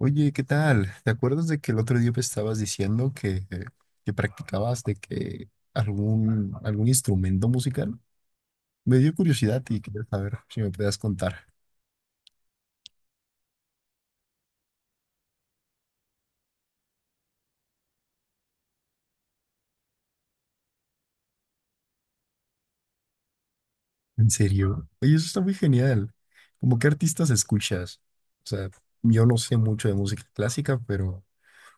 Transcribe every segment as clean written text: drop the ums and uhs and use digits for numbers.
Oye, ¿qué tal? ¿Te acuerdas de que el otro día me estabas diciendo que practicabas de que algún instrumento musical? Me dio curiosidad y quería saber si me podías contar. ¿En serio? Oye, eso está muy genial. ¿Cómo qué artistas escuchas? O sea, yo no sé mucho de música clásica,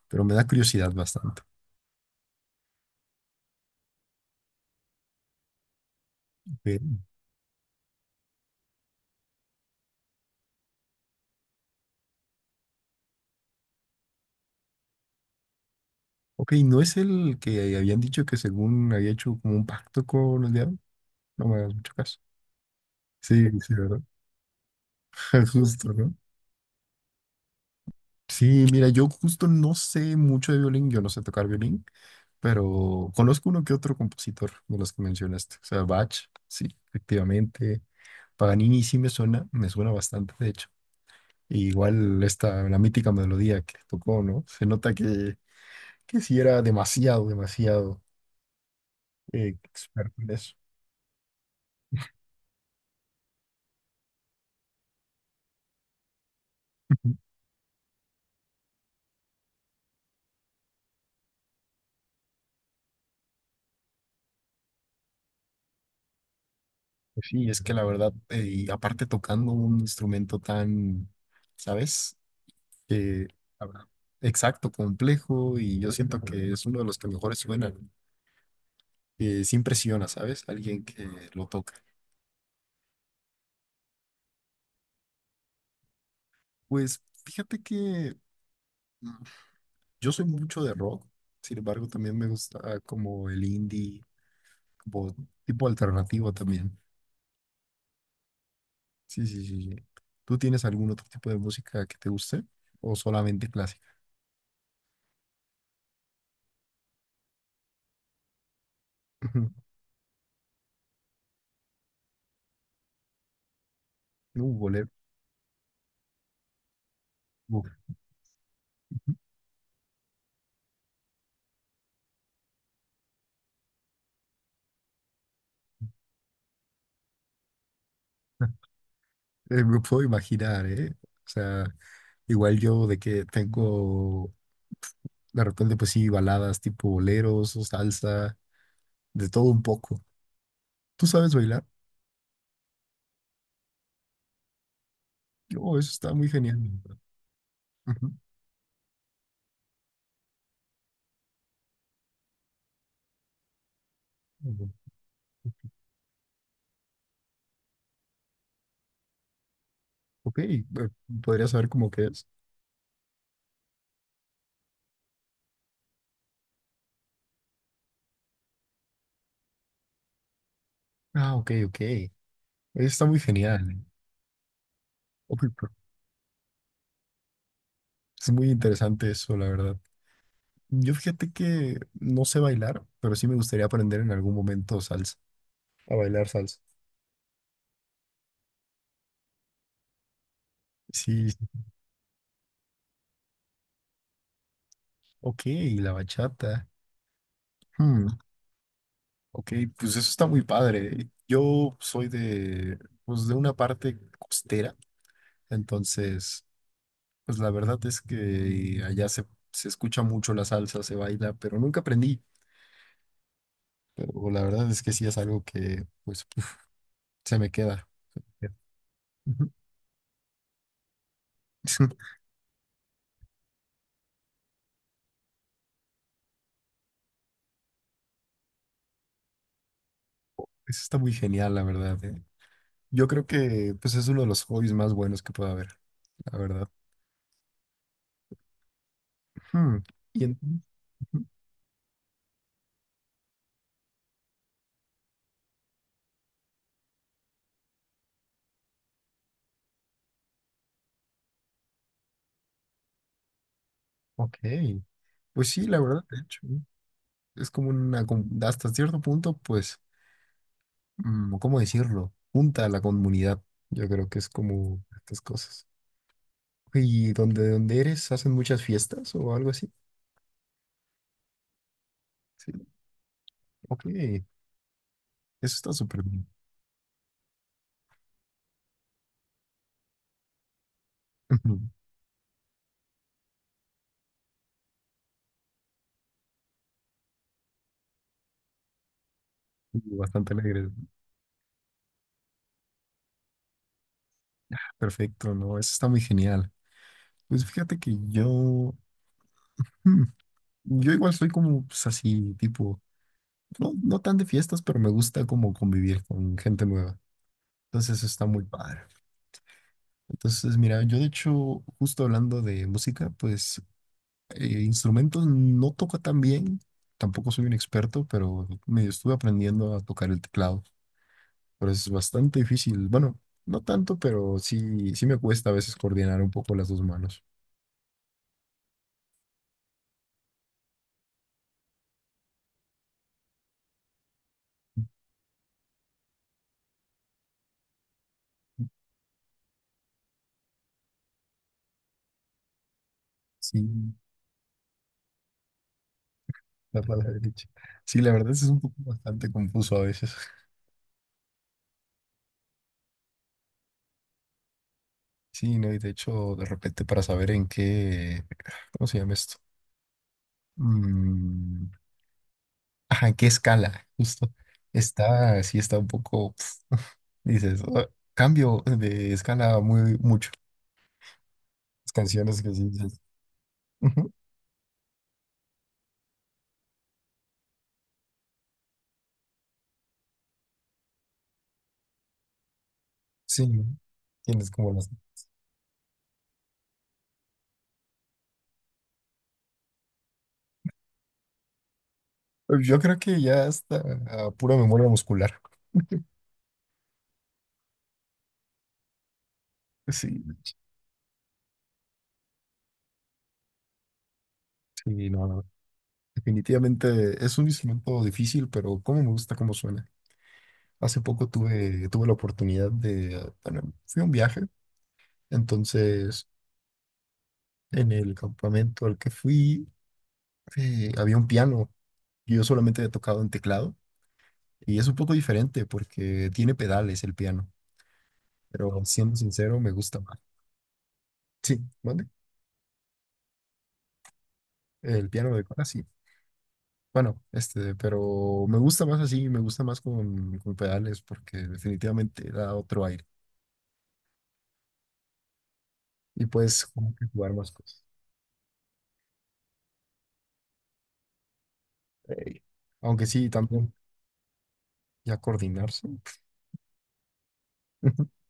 pero me da curiosidad bastante. Ok, ok, ¿no es el que habían dicho que según había hecho como un pacto con el diablo? No me hagas mucho caso. Sí, sí, ¿verdad? Justo, ¿no? Sí, mira, yo justo no sé mucho de violín, yo no sé tocar violín, pero conozco uno que otro compositor de los que mencionaste. O sea, Bach, sí, efectivamente. Paganini sí me suena bastante, de hecho. Y igual esta, la mítica melodía que tocó, ¿no? Se nota que sí era demasiado, demasiado experto en eso. Pues sí, es que la verdad, y aparte tocando un instrumento tan, ¿sabes? que, habrá- exacto, complejo, y yo siento que es uno de los que mejores suenan, que sí impresiona, ¿sabes? Alguien que lo toca. Pues fíjate que mm, yo soy mucho de rock, sin embargo, también me gusta como el indie, como tipo alternativo también. Sí, sí, sí, sí. ¿Tú tienes algún otro tipo de música que te guste o solamente clásica? No, bolero. Uf. Me puedo imaginar, ¿eh? O sea, igual yo de que tengo. De repente, pues sí, baladas tipo boleros o salsa, de todo un poco. ¿Tú sabes bailar? Oh, eso está muy genial, la verdad. Ujú. Ujú. Ok, podría saber cómo que es. Ah, ok, ok. Está muy genial. Uy, pero es muy interesante eso, la verdad. Yo fíjate que no sé bailar, pero sí me gustaría aprender en algún momento salsa, a bailar salsa. Sí, sí. Ok, la bachata. Hmm, ok, pues eso está muy padre. Yo soy de, pues, de una parte costera. Entonces, pues la verdad es que se escucha mucho la salsa, se baila, pero nunca aprendí. Pero la verdad es que sí es algo que, pues, uf, se me queda. Ujú. Eso está muy genial, la verdad, ¿eh? Yo creo que, pues, es uno de los hobbies más buenos que puede haber, la verdad. Hmm. Y en- Ujú, ok, pues sí, la verdad, de hecho, ¿no? Es como una, hasta cierto punto, pues, mm, ¿cómo decirlo? Junta a la comunidad. Yo creo que es como estas cosas. ¿Y donde eres hacen muchas fiestas o algo así? Sí, ok, eso está súper bien. Y bastante alegre, perfecto, ¿no? Eso está muy genial. Pues fíjate que yo, hmm, yo igual soy como pues, así, tipo, no tan de fiestas, pero me gusta como convivir con gente nueva. Entonces eso está muy padre. Entonces, mira, yo de hecho, justo hablando de música, pues instrumentos no toco tan bien, tampoco soy un experto, pero medio estuve aprendiendo a tocar el teclado. Pero es bastante difícil. Bueno, no tanto, pero sí, sí me cuesta a veces coordinar un poco las dos manos. Sí, la palabra derecha. Sí, la verdad es un poco bastante confuso a veces. Sí, no, y de hecho, de repente para saber en qué, ¿cómo se llama esto? Mm, ajá, en qué escala, justo. Está, sí está un poco, pf, dices, "Ah, cambio de escala muy mucho." Las canciones que sí dices. Ujú. Sí, ¿no? Tienes como las. Yo creo que ya está a pura memoria muscular. Sí, sí, no, no. Definitivamente es un instrumento difícil, pero cómo me gusta cómo suena. Hace poco tuve la oportunidad de, bueno, fui a un viaje, entonces en el campamento al que fui había un piano. Yo solamente he tocado en teclado y es un poco diferente porque tiene pedales el piano, pero siendo sincero me gusta más. Sí, ¿mande? El piano de cola, sí. Bueno, este, pero me gusta más así, me gusta más con pedales porque definitivamente da otro aire y puedes como que jugar más cosas. Ey. Aunque sí, también ya coordinarse.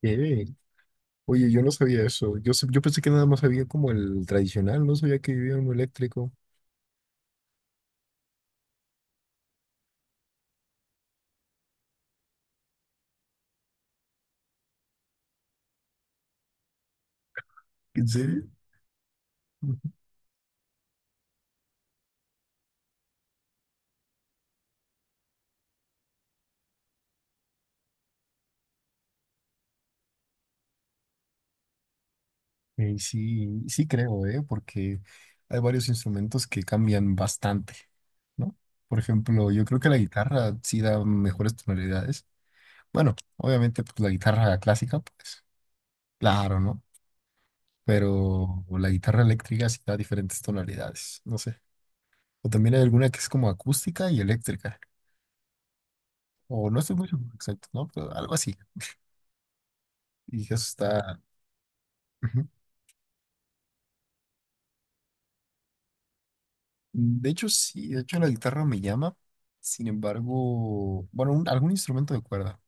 ¿Qué? Oye, yo no sabía eso. Yo, yo pensé que nada más había como el tradicional, no sabía que había uno eléctrico. ¿En serio? Ey, sí, sí creo, ¿eh? Porque hay varios instrumentos que cambian bastante, ¿no? Por ejemplo, yo creo que la guitarra sí da mejores tonalidades. Bueno, obviamente pues, la guitarra clásica, pues claro, ¿no? Pero la guitarra eléctrica sí da diferentes tonalidades, no sé. O también hay alguna que es como acústica y eléctrica. O no estoy muy seguro exacto, ¿no? Pero algo así. Y eso está... Ujú. De hecho, sí, de hecho la guitarra me llama. Sin embargo, bueno, algún instrumento de cuerda,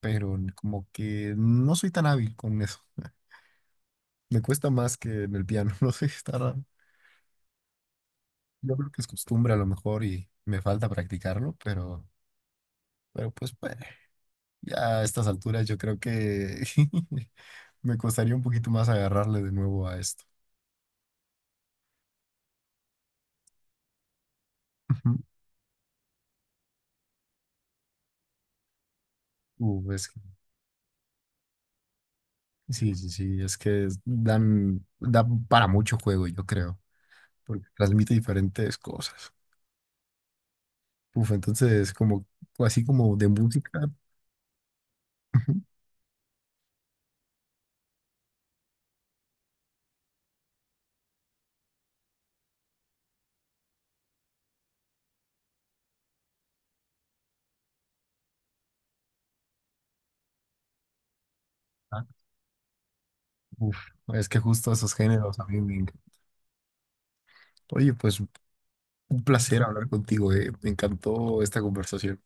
pero como que no soy tan hábil con eso. Me cuesta más que en el piano, no sé, está raro. Yo creo que es costumbre a lo mejor y me falta practicarlo, pero... Pero pues bueno, ya a estas alturas yo creo que me costaría un poquito más agarrarle de nuevo a esto. Ujú. Uh, es que- sí, sí, sí, es que dan, dan para mucho juego, yo creo, porque transmite diferentes cosas. Uf, entonces, como, así como de música. Ujú. Ah, uf, es que justo esos géneros a mí me encantan. Oye, pues un placer hablar contigo, me encantó esta conversación.